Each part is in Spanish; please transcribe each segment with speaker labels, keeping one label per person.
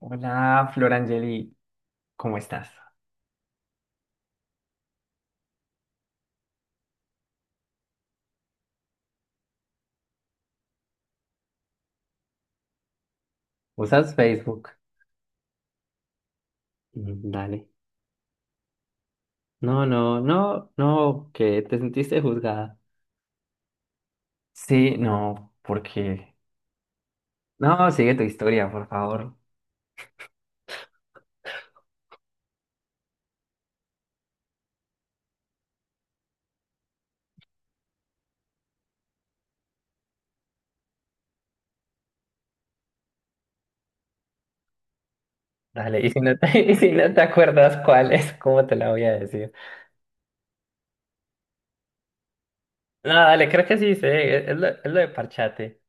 Speaker 1: Hola, Florangeli, ¿cómo estás? ¿Usas Facebook? Mm, dale. No, no, no, no, que te sentiste juzgada. Sí, no, porque. No, sigue tu historia, por favor. Dale, y si no te acuerdas cuál es, ¿cómo te la voy a decir? No, dale, creo que sí sé, es lo de parchate.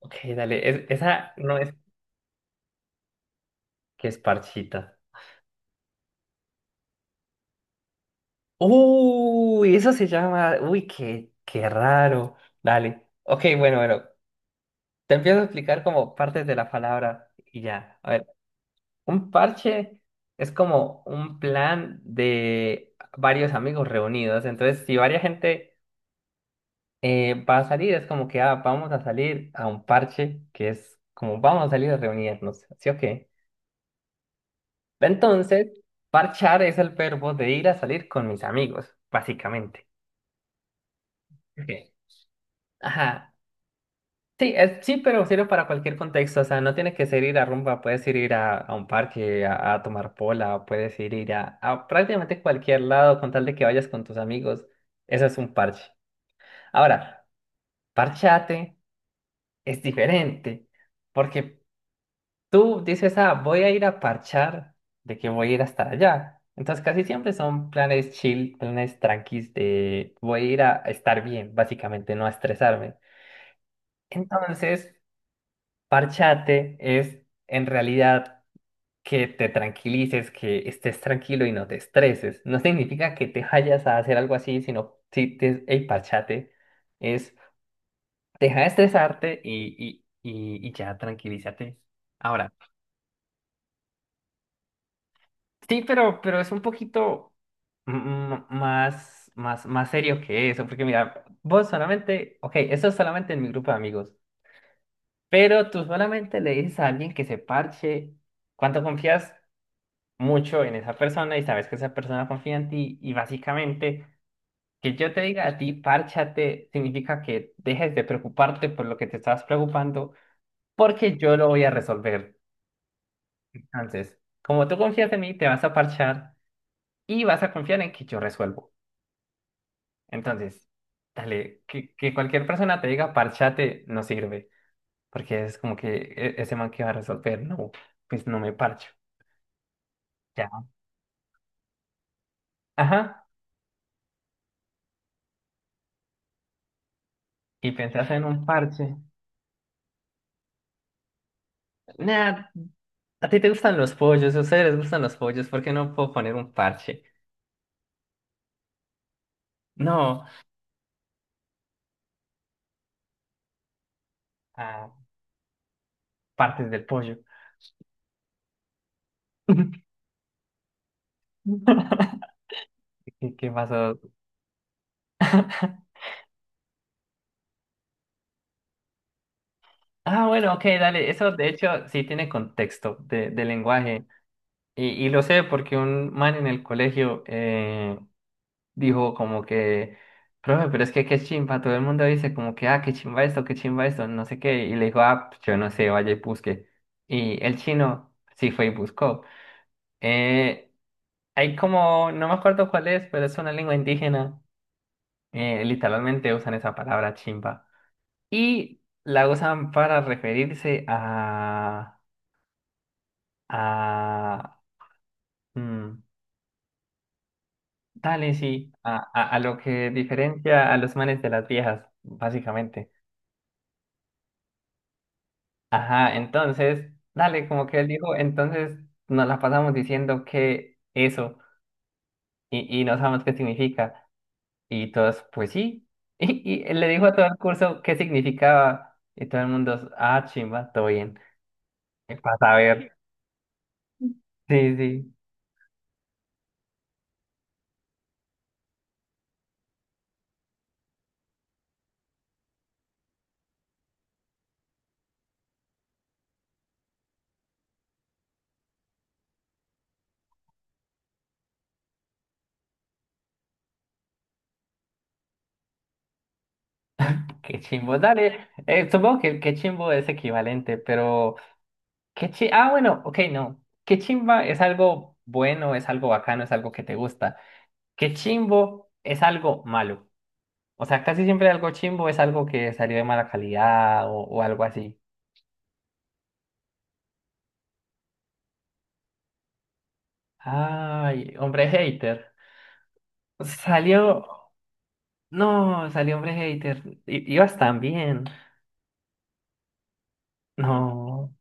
Speaker 1: Ok, dale, esa no es que es parchita. Uy, eso se llama, qué raro. Dale, ok, bueno, bueno. Te empiezo a explicar como partes de la palabra y ya. A ver, un parche es como un plan de varios amigos reunidos. Entonces, si varias gente va a salir, es como que ah, vamos a salir a un parche, que es como vamos a salir a reunirnos, ¿sí o qué? Entonces, parchar es el verbo de ir a salir con mis amigos, básicamente. Ok. Ajá. Sí, sí, pero sirve para cualquier contexto. O sea, no tiene que ser ir a rumba, puedes ir a un parque a tomar pola, puedes ir a prácticamente cualquier lado con tal de que vayas con tus amigos. Eso es un parche. Ahora, parchate es diferente, porque tú dices, ah, voy a ir a parchar, de que voy a ir hasta allá. Entonces, casi siempre son planes chill, planes tranquis de voy a ir a estar bien, básicamente, no a estresarme. Entonces. Parchate es en realidad que te tranquilices, que estés tranquilo y no te estreses. No significa que te vayas a hacer algo así, sino si te, hey, parchate es deja de estresarte y ya tranquilízate. Ahora, sí, pero es un poquito más serio que eso, porque mira, vos solamente, ok, eso es solamente en mi grupo de amigos, pero tú solamente le dices a alguien que se parche cuando confías mucho en esa persona y sabes que esa persona confía en ti y básicamente que yo te diga a ti, párchate, significa que dejes de preocuparte por lo que te estabas preocupando porque yo lo voy a resolver. Entonces, como tú confías en mí, te vas a parchar y vas a confiar en que yo resuelvo. Entonces, dale, que cualquier persona te diga párchate no sirve porque es como que ese man que va a resolver, no, pues no me parcho." Ya. Ajá. Y pensás en un parche. Nada, ¿a ti te gustan los pollos? ¿A ustedes les gustan los pollos? ¿Por qué no puedo poner un parche? No, ah, partes del pollo. ¿Qué pasó? Ah, bueno, ok, dale. Eso de hecho sí tiene contexto de lenguaje. Y lo sé porque un man en el colegio dijo como que, profe, pero es que qué chimba. Todo el mundo dice como que, ah, qué chimba esto, no sé qué. Y le dijo, ah, pues yo no sé, vaya y busque. Y el chino sí fue y buscó. Eh, Hay como, no me acuerdo cuál es, pero es una lengua indígena. Literalmente usan esa palabra chimba. Y la usan para referirse a... mm, dale, sí, a lo que diferencia a los manes de las viejas, básicamente. Ajá, entonces, dale, como que él dijo, entonces nos la pasamos diciendo que eso y no sabemos qué significa. Y todos, pues sí. Y le dijo a todo el curso qué significaba. Y todo el mundo, ah, chimba, todo bien. Para saber. Sí, sí. Qué chimbo, dale. Supongo que el qué chimbo es equivalente, pero qué chi ah, bueno, ok, no. Qué chimba es algo bueno, es algo bacano, es algo que te gusta. Qué chimbo es algo malo. O sea, casi siempre algo chimbo es algo que salió de mala calidad o algo así. Ay, hombre hater. Salió. No, salió hombre hater. Ibas tan bien. No,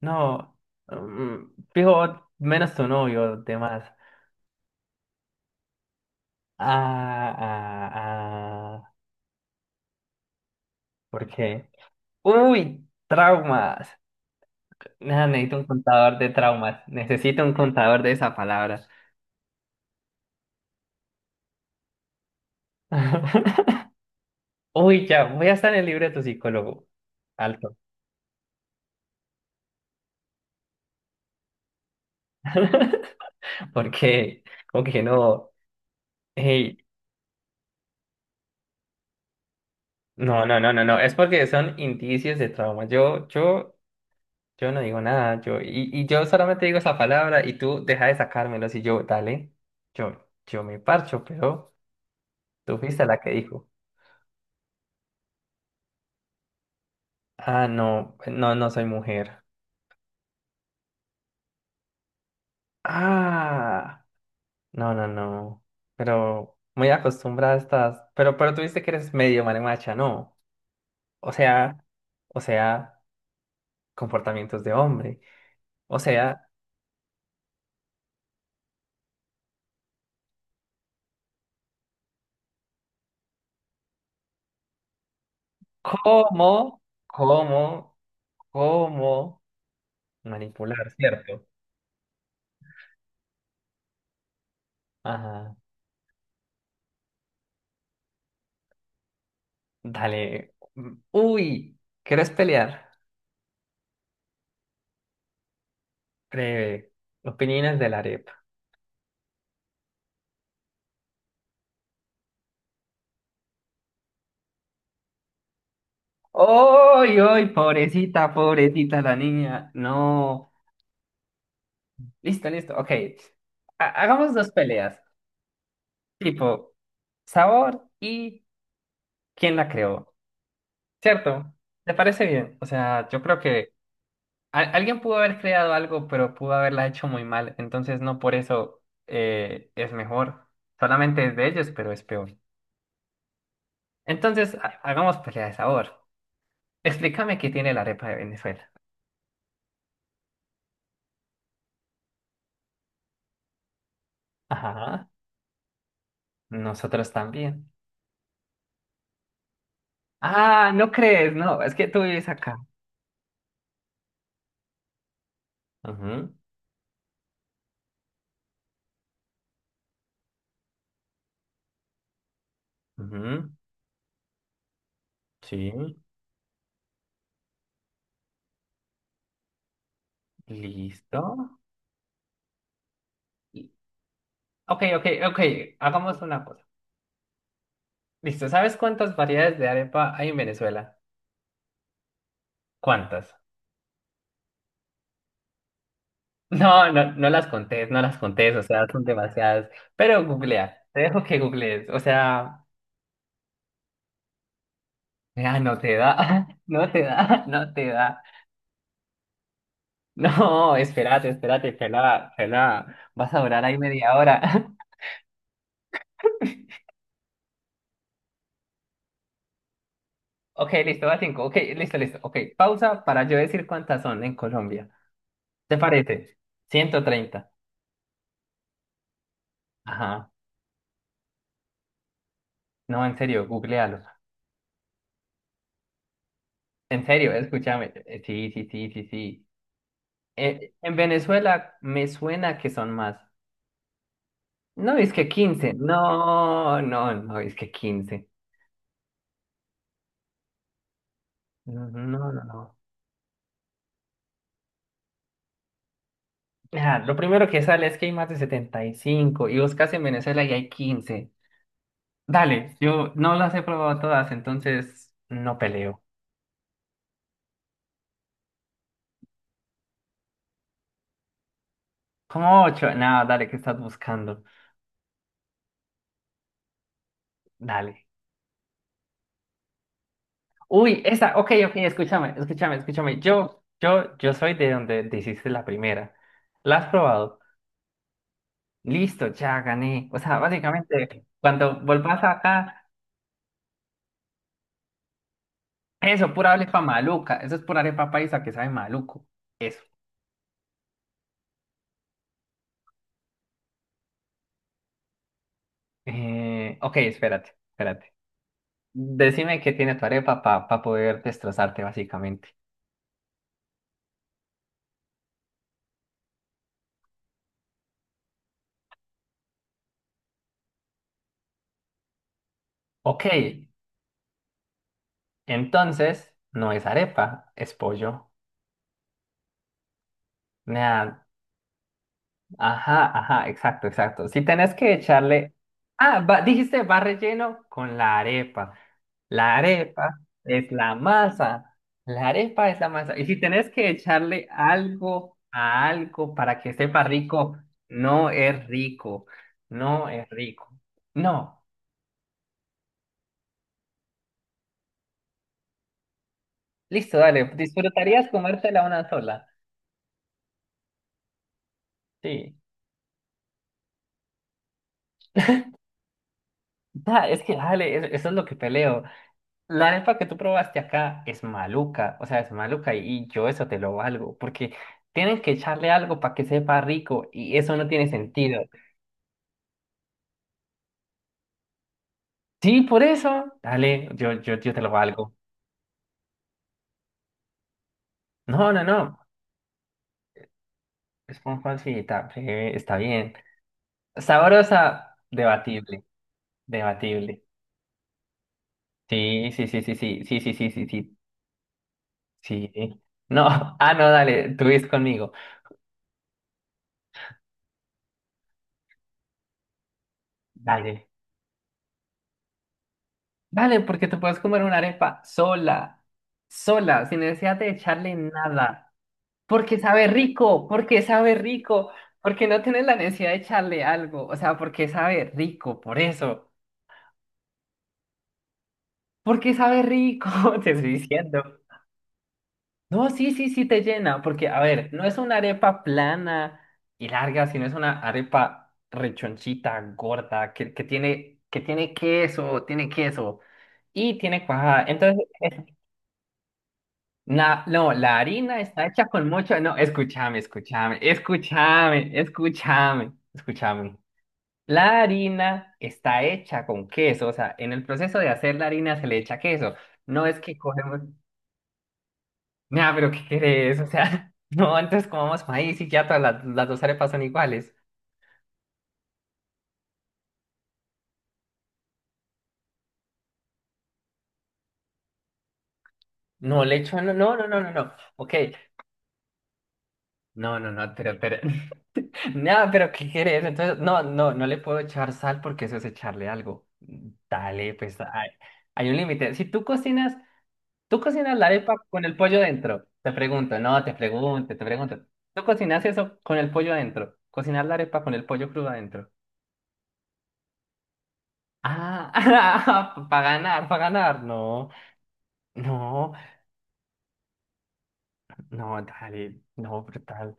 Speaker 1: no. Mm, fijo, menos tu novio, demás. Ah, ah, ah. ¿Por qué? Uy, traumas. Nah, necesito un contador de traumas. Necesito un contador de esa palabra. Uy, ya, voy a estar en el libro de tu psicólogo. Alto. ¿Por qué? Como que no. Hey, no, no, no, no, no. Es porque son indicios de trauma. Yo. Yo no digo nada, yo, y yo solamente digo esa palabra y tú deja de sacármelos y yo, dale, yo me parcho, pero tú fuiste la que dijo. Ah, no, no, no soy mujer. Ah, no, no, no, pero muy acostumbrada estás, pero tú viste que eres medio marimacha, ¿no? O sea, o sea, comportamientos de hombre, o sea, ¿cómo, cómo, cómo manipular?, ¿cierto? Ajá. Dale. Uy, ¿quieres pelear? Breve. Opiniones de la arepa. ¡Uy, uy! Pobrecita, pobrecita la niña. No. Listo, listo. Ok. Hagamos dos peleas. Tipo, sabor y quién la creó. ¿Cierto? ¿Te parece bien? O sea, yo creo que alguien pudo haber creado algo, pero pudo haberla hecho muy mal. Entonces, no por eso es mejor. Solamente es de ellos, pero es peor. Entonces, hagamos pelea de sabor. Explícame qué tiene la arepa de Venezuela. Ajá, nosotros también. Ah, no crees, no, es que tú vives acá. Ujú, ujú, sí, listo. Y- Ok, ok, ok, hagamos una cosa. Listo, ¿sabes cuántas variedades de arepa hay en Venezuela? ¿Cuántas? No, no, no las contés, no las contés, o sea, son demasiadas. Pero googlea, te dejo que googlees, o sea, ya no te da, no te da, no te da. No, espérate, espérate, Fela, Fela, vas a durar ahí media hora. Ok, listo, va cinco. Ok, listo, listo. Ok, pausa para yo decir cuántas son en Colombia. ¿Te parece? 130. Ajá. No, en serio, googlealo. En serio, escúchame. Sí, sí, sí, sí, sí. En Venezuela me suena que son más. No, es que 15. No, no, no, es que 15. No, no, no, no. Ah, lo primero que sale es que hay más de 75. Y buscas en Venezuela y hay 15. Dale, yo no las he probado todas, entonces no peleo. ¿Cómo ocho? Nada, dale, ¿qué estás buscando? Dale. Uy, esa, ok, ok, escúchame, escúchame, escúchame. Yo soy de donde te hiciste la primera. ¿La has probado? Listo, ya gané. O sea, básicamente, cuando vuelvas acá, eso, pura arepa maluca. Eso es pura arepa paisa que sabe maluco. Eso. Ok, espérate, espérate. Decime qué tiene tu arepa para poder destrozarte, básicamente. Ok, entonces, no es arepa, es pollo. Nea, ajá, ajá, exacto, exacto. Si tenés que echarle. Ah, dijiste va relleno con la arepa. La arepa es la masa. La arepa es la masa. Y si tenés que echarle algo a algo para que sepa rico, no es rico. No es rico. No. Listo, dale. ¿Disfrutarías comértela una sola? Sí. Da, es que, dale, eso es lo que peleo. La arepa que tú probaste acá es maluca, o sea, es maluca y yo eso te lo valgo, porque tienen que echarle algo para que sepa rico y eso no tiene sentido. Sí, por eso, dale, yo te lo valgo. No, no, no, es con pancita, breve, está bien. Sabrosa, debatible, debatible. Sí, sí, sí, sí, sí, sí, sí, sí, sí, sí, sí. No, ah, no, dale, tú ves conmigo. Dale. Vale, porque te puedes comer una arepa sola, sola, sin necesidad de echarle nada. Porque sabe rico, porque sabe rico, porque no tienes la necesidad de echarle algo. O sea, porque sabe rico, por eso. Porque sabe rico, te estoy diciendo. No, sí, sí, sí te llena, porque, a ver, no es una arepa plana y larga, sino es una arepa rechonchita, gorda, que tiene queso, tiene queso y tiene cuajada. Entonces, no, la harina está hecha con mucho. No, escúchame, escúchame, escúchame, escúchame, escúchame. La harina está hecha con queso, o sea, en el proceso de hacer la harina se le echa queso. No es que cogemos. Nah, pero ¿qué querés? O sea, no, antes comamos maíz y ya todas las dos arepas son iguales. No, le echo, no, no, no, no, no, no. Ok, no, no, no, pero. No, pero ¿qué quieres? Entonces, no, no, no le puedo echar sal porque eso es echarle algo. Dale, pues hay un límite. Si tú cocinas, Tú cocinas la arepa con el pollo dentro. Te pregunto, no, te pregunto, te pregunto. ¿Tú cocinas eso con el pollo adentro? ¿Cocinar la arepa con el pollo crudo adentro? Ah, para ganar, para ganar. No, no, no, dale, no, brutal.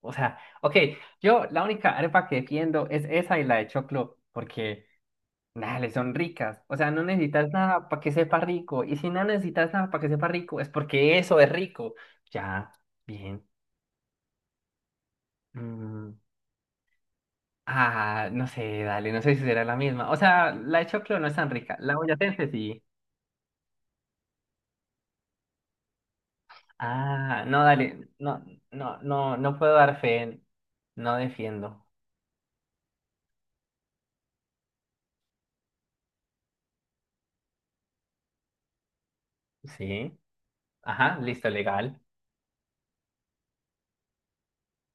Speaker 1: O sea, ok, yo la única arepa que defiendo es esa y la de choclo, porque. Dale, son ricas. O sea, no necesitas nada para que sepa rico. Y si no necesitas nada para que sepa rico, es porque eso es rico. Ya, bien. Mm, ah, no sé, dale, no sé si será la misma. O sea, la de choclo no es tan rica. La boyacense sí. Ah, no, dale. No, no, no, no puedo dar fe. No defiendo. Sí. Ajá, listo, legal.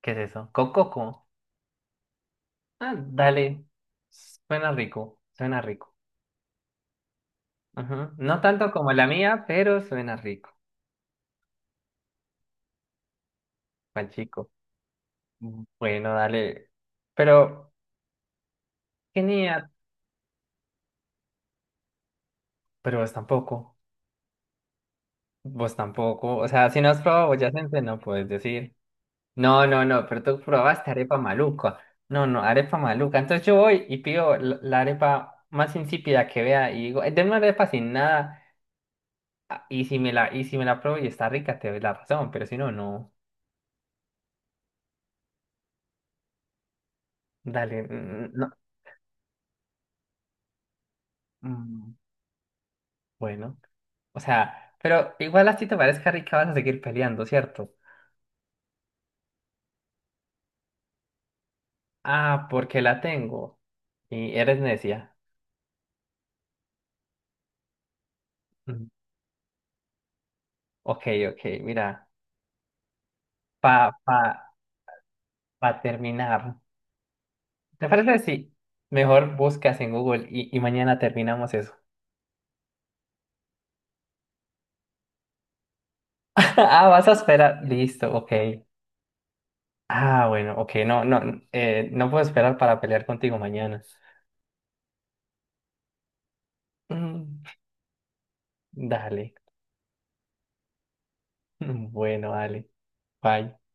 Speaker 1: ¿Qué es eso? Cococo. Ah, dale. Suena rico, suena rico. Ajá. No tanto como la mía, pero suena rico. Juan chico. Bueno, dale. Pero, genial. Pero vos tampoco. Vos tampoco. O sea, si no has probado boyacense, no puedes decir. No, no, no, pero tú probaste arepa maluca. No, no, arepa maluca. Entonces yo voy y pido la arepa más insípida que vea y digo, denme una arepa sin nada. Ah, y si me la pruebo y está rica, te doy la razón. Pero si no, no. Dale. Mm, no. Mm, bueno. O sea, pero igual así te parezca rica, vas a seguir peleando, ¿cierto? Ah, porque la tengo. Y eres necia. Mm. Ok, ok, mira. Pa, pa, pa terminar. ¿Te parece si mejor buscas en Google y mañana terminamos eso? Ah, vas a esperar. Listo, ok. Ah, bueno, ok, no, no, no puedo esperar para pelear contigo mañana. Mm, dale. Bueno, dale. Bye.